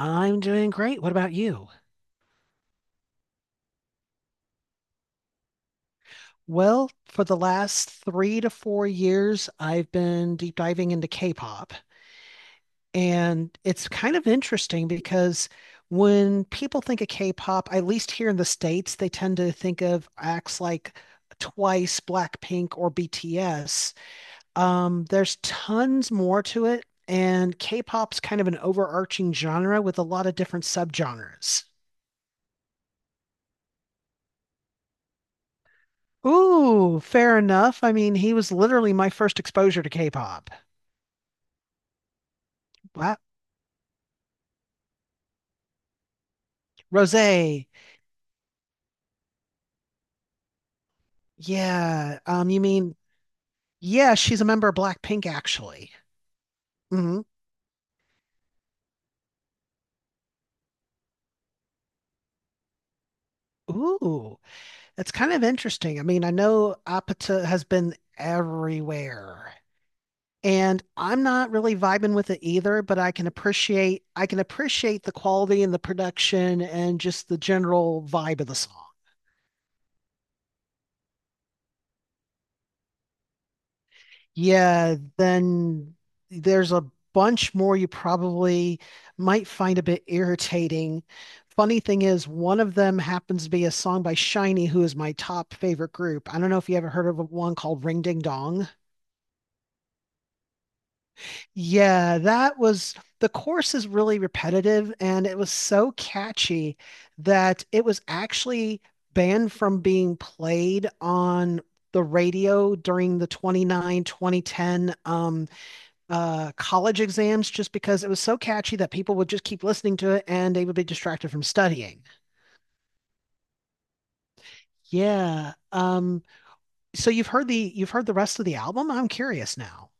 I'm doing great. What about you? Well, for the last 3 to 4 years, I've been deep diving into K-pop. And it's kind of interesting because when people think of K-pop, at least here in the States, they tend to think of acts like Twice, Blackpink, or BTS. There's tons more to it. And K-pop's kind of an overarching genre with a lot of different subgenres. Ooh, fair enough. I mean, he was literally my first exposure to K-pop. What? Rosé. Yeah. Yeah, she's a member of Blackpink, actually. Hmm. Ooh, that's kind of interesting. I mean, I know Apata has been everywhere. And I'm not really vibing with it either, but I can appreciate the quality and the production and just the general vibe of the song. Yeah, then there's a bunch more you probably might find a bit irritating. Funny thing is, one of them happens to be a song by Shiny, who is my top favorite group. I don't know if you ever heard of one called Ring Ding Dong. Yeah, that was the chorus is really repetitive and it was so catchy that it was actually banned from being played on the radio during the 2010 um college exams just because it was so catchy that people would just keep listening to it and they would be distracted from studying. Yeah. So you've heard the rest of the album? I'm curious now.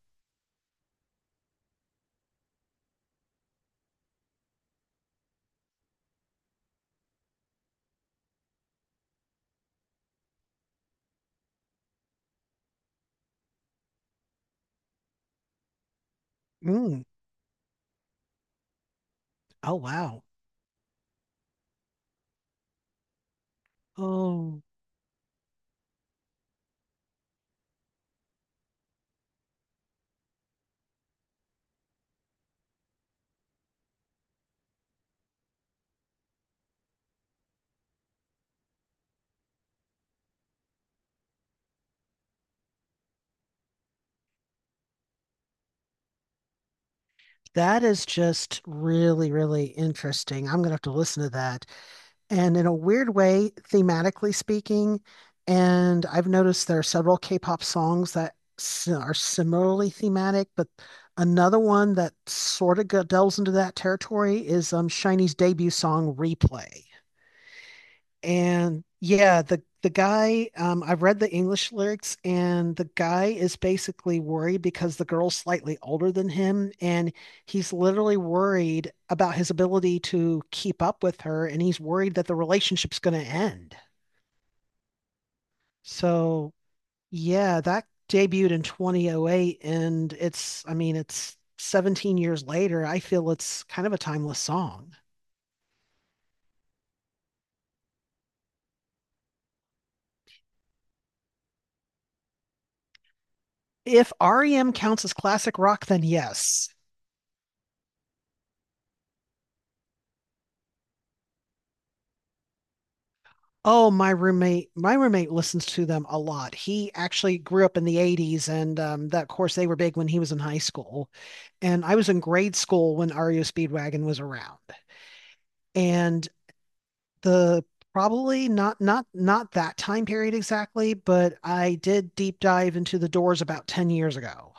Mm. Oh wow. Oh, that is just really, really interesting. I'm gonna have to listen to that. And in a weird way, thematically speaking. And I've noticed there are several K-pop songs that are similarly thematic, but another one that sort of delves into that territory is Shiny's debut song, Replay. And yeah, the guy, I've read the English lyrics, and the guy is basically worried because the girl's slightly older than him, and he's literally worried about his ability to keep up with her, and he's worried that the relationship's going to end. So yeah, that debuted in 2008, and it's, I mean, it's 17 years later. I feel it's kind of a timeless song. If REM counts as classic rock, then yes. Oh, my roommate listens to them a lot. He actually grew up in the 80s and that of course they were big when he was in high school. And I was in grade school when REO Speedwagon was around. And the probably not that time period exactly, but I did deep dive into the Doors about 10 years ago.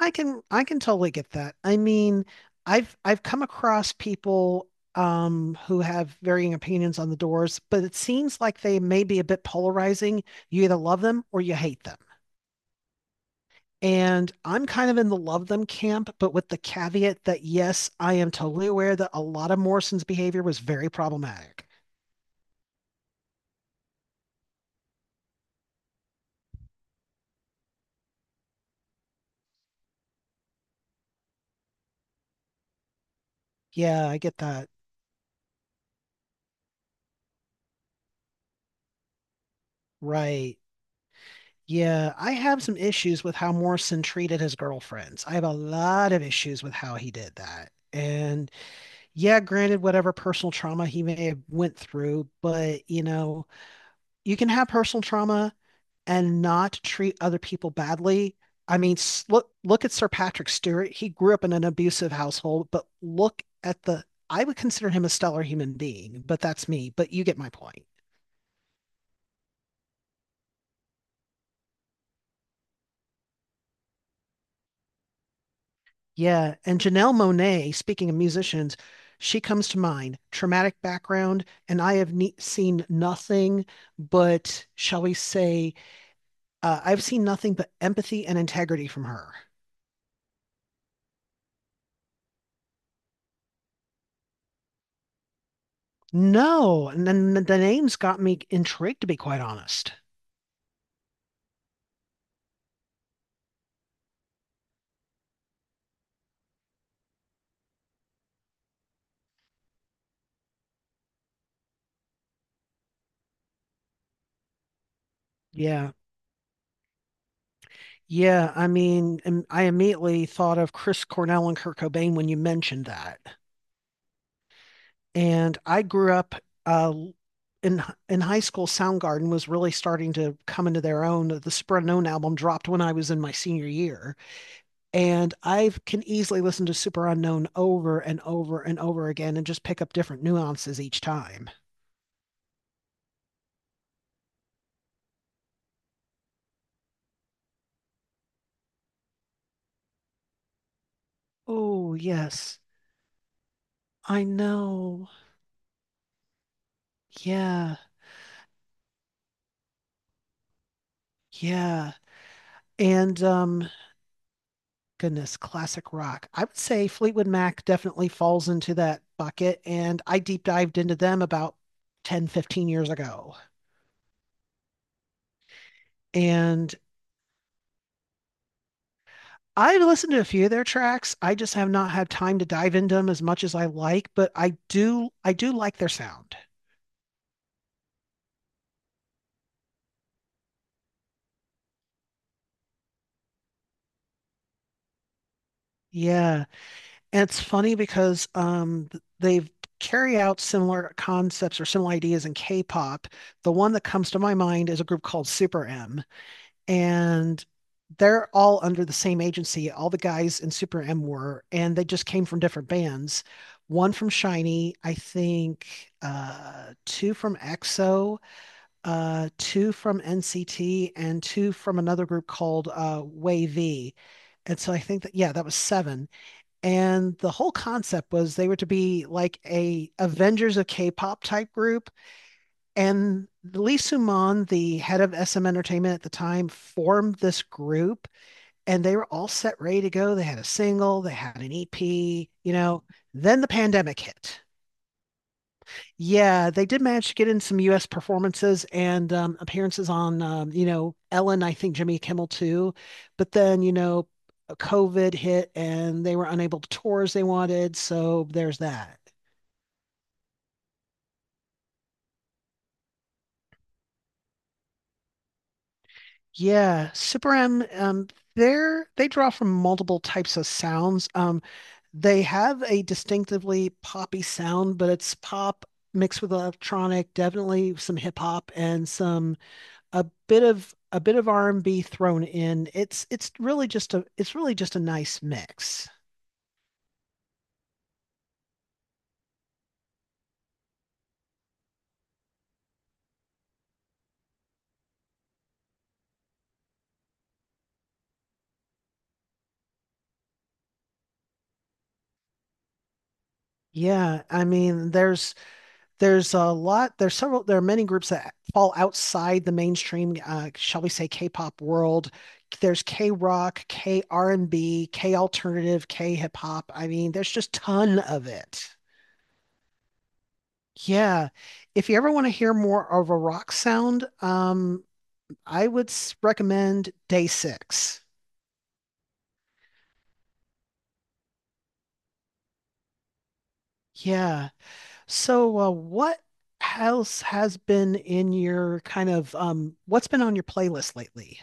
I can totally get that. I mean, I've come across people who have varying opinions on the Doors, but it seems like they may be a bit polarizing. You either love them or you hate them. And I'm kind of in the love them camp, but with the caveat that yes, I am totally aware that a lot of Morrison's behavior was very problematic. Yeah, I get that. Right. Yeah, I have some issues with how Morrison treated his girlfriends. I have a lot of issues with how he did that. And yeah, granted, whatever personal trauma he may have went through, but you know, you can have personal trauma and not treat other people badly. I mean, look at Sir Patrick Stewart. He grew up in an abusive household, but look at the I would consider him a stellar human being, but that's me. But you get my point. Yeah, and Janelle Monae, speaking of musicians, she comes to mind. Traumatic background, and I have ne seen nothing but, shall we say, I've seen nothing but empathy and integrity from her. No, and then the names got me intrigued, to be quite honest. Yeah, yeah. I mean, I immediately thought of Chris Cornell and Kurt Cobain when you mentioned that. And I grew up uh, in high school. Soundgarden was really starting to come into their own. The Super Unknown album dropped when I was in my senior year, and I can easily listen to Super Unknown over and over and over again and just pick up different nuances each time. Oh, yes. I know. Yeah. Yeah. And goodness, classic rock. I would say Fleetwood Mac definitely falls into that bucket and I deep dived into them about 10, 15 years ago. And I've listened to a few of their tracks. I just have not had time to dive into them as much as I like, but I do like their sound. Yeah. And it's funny because they carry out similar concepts or similar ideas in K-pop. The one that comes to my mind is a group called Super M, and they're all under the same agency. All the guys in Super M were, and they just came from different bands. One from Shinee, I think, two from EXO, two from NCT, and two from another group called Wavy. And so I think that, yeah, that was seven and the whole concept was they were to be like a Avengers of K-pop type group. And Lee Soo Suman, the head of SM Entertainment at the time, formed this group, and they were all set ready to go. They had a single, they had an EP, you know. Then the pandemic hit, yeah, they did manage to get in some U.S. performances and appearances on, you know, Ellen, I think Jimmy Kimmel too. But then, you know, COVID hit and they were unable to tour as they wanted. So there's that. Yeah, Super M, they're, they draw from multiple types of sounds. They have a distinctively poppy sound, but it's pop mixed with electronic, definitely some hip hop and some a bit of R&B thrown in. It's really just a it's really just a nice mix. Yeah, I mean, there's a lot, there's several, there are many groups that fall outside the mainstream shall we say k-pop world. There's k-rock, k-r&b, k-alternative, k-hip-hop. I mean, there's just ton of it. Yeah, if you ever want to hear more of a rock sound, I would recommend Day Six. Yeah, so what else has been in your kind of what's been on your playlist lately?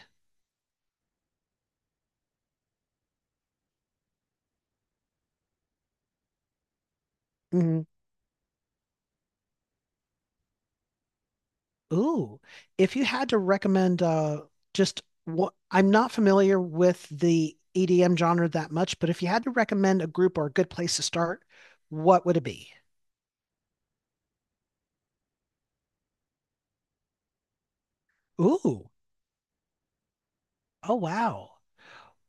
Ooh, if you had to recommend just what, I'm not familiar with the EDM genre that much, but if you had to recommend a group or a good place to start, what would it be? Ooh. Oh wow.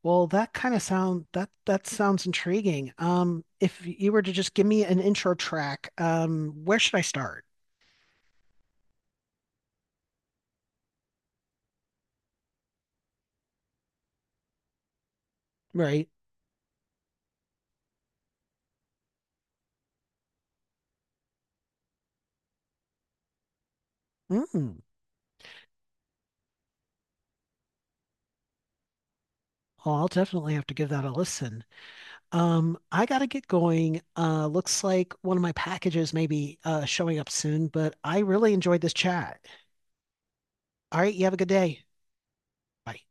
Well, that kind of sound, that that sounds intriguing. If you were to just give me an intro track, where should I start? Right. Mm. Well, I'll definitely have to give that a listen. I gotta get going. Looks like one of my packages may be showing up soon, but I really enjoyed this chat. All right, you have a good day. Bye.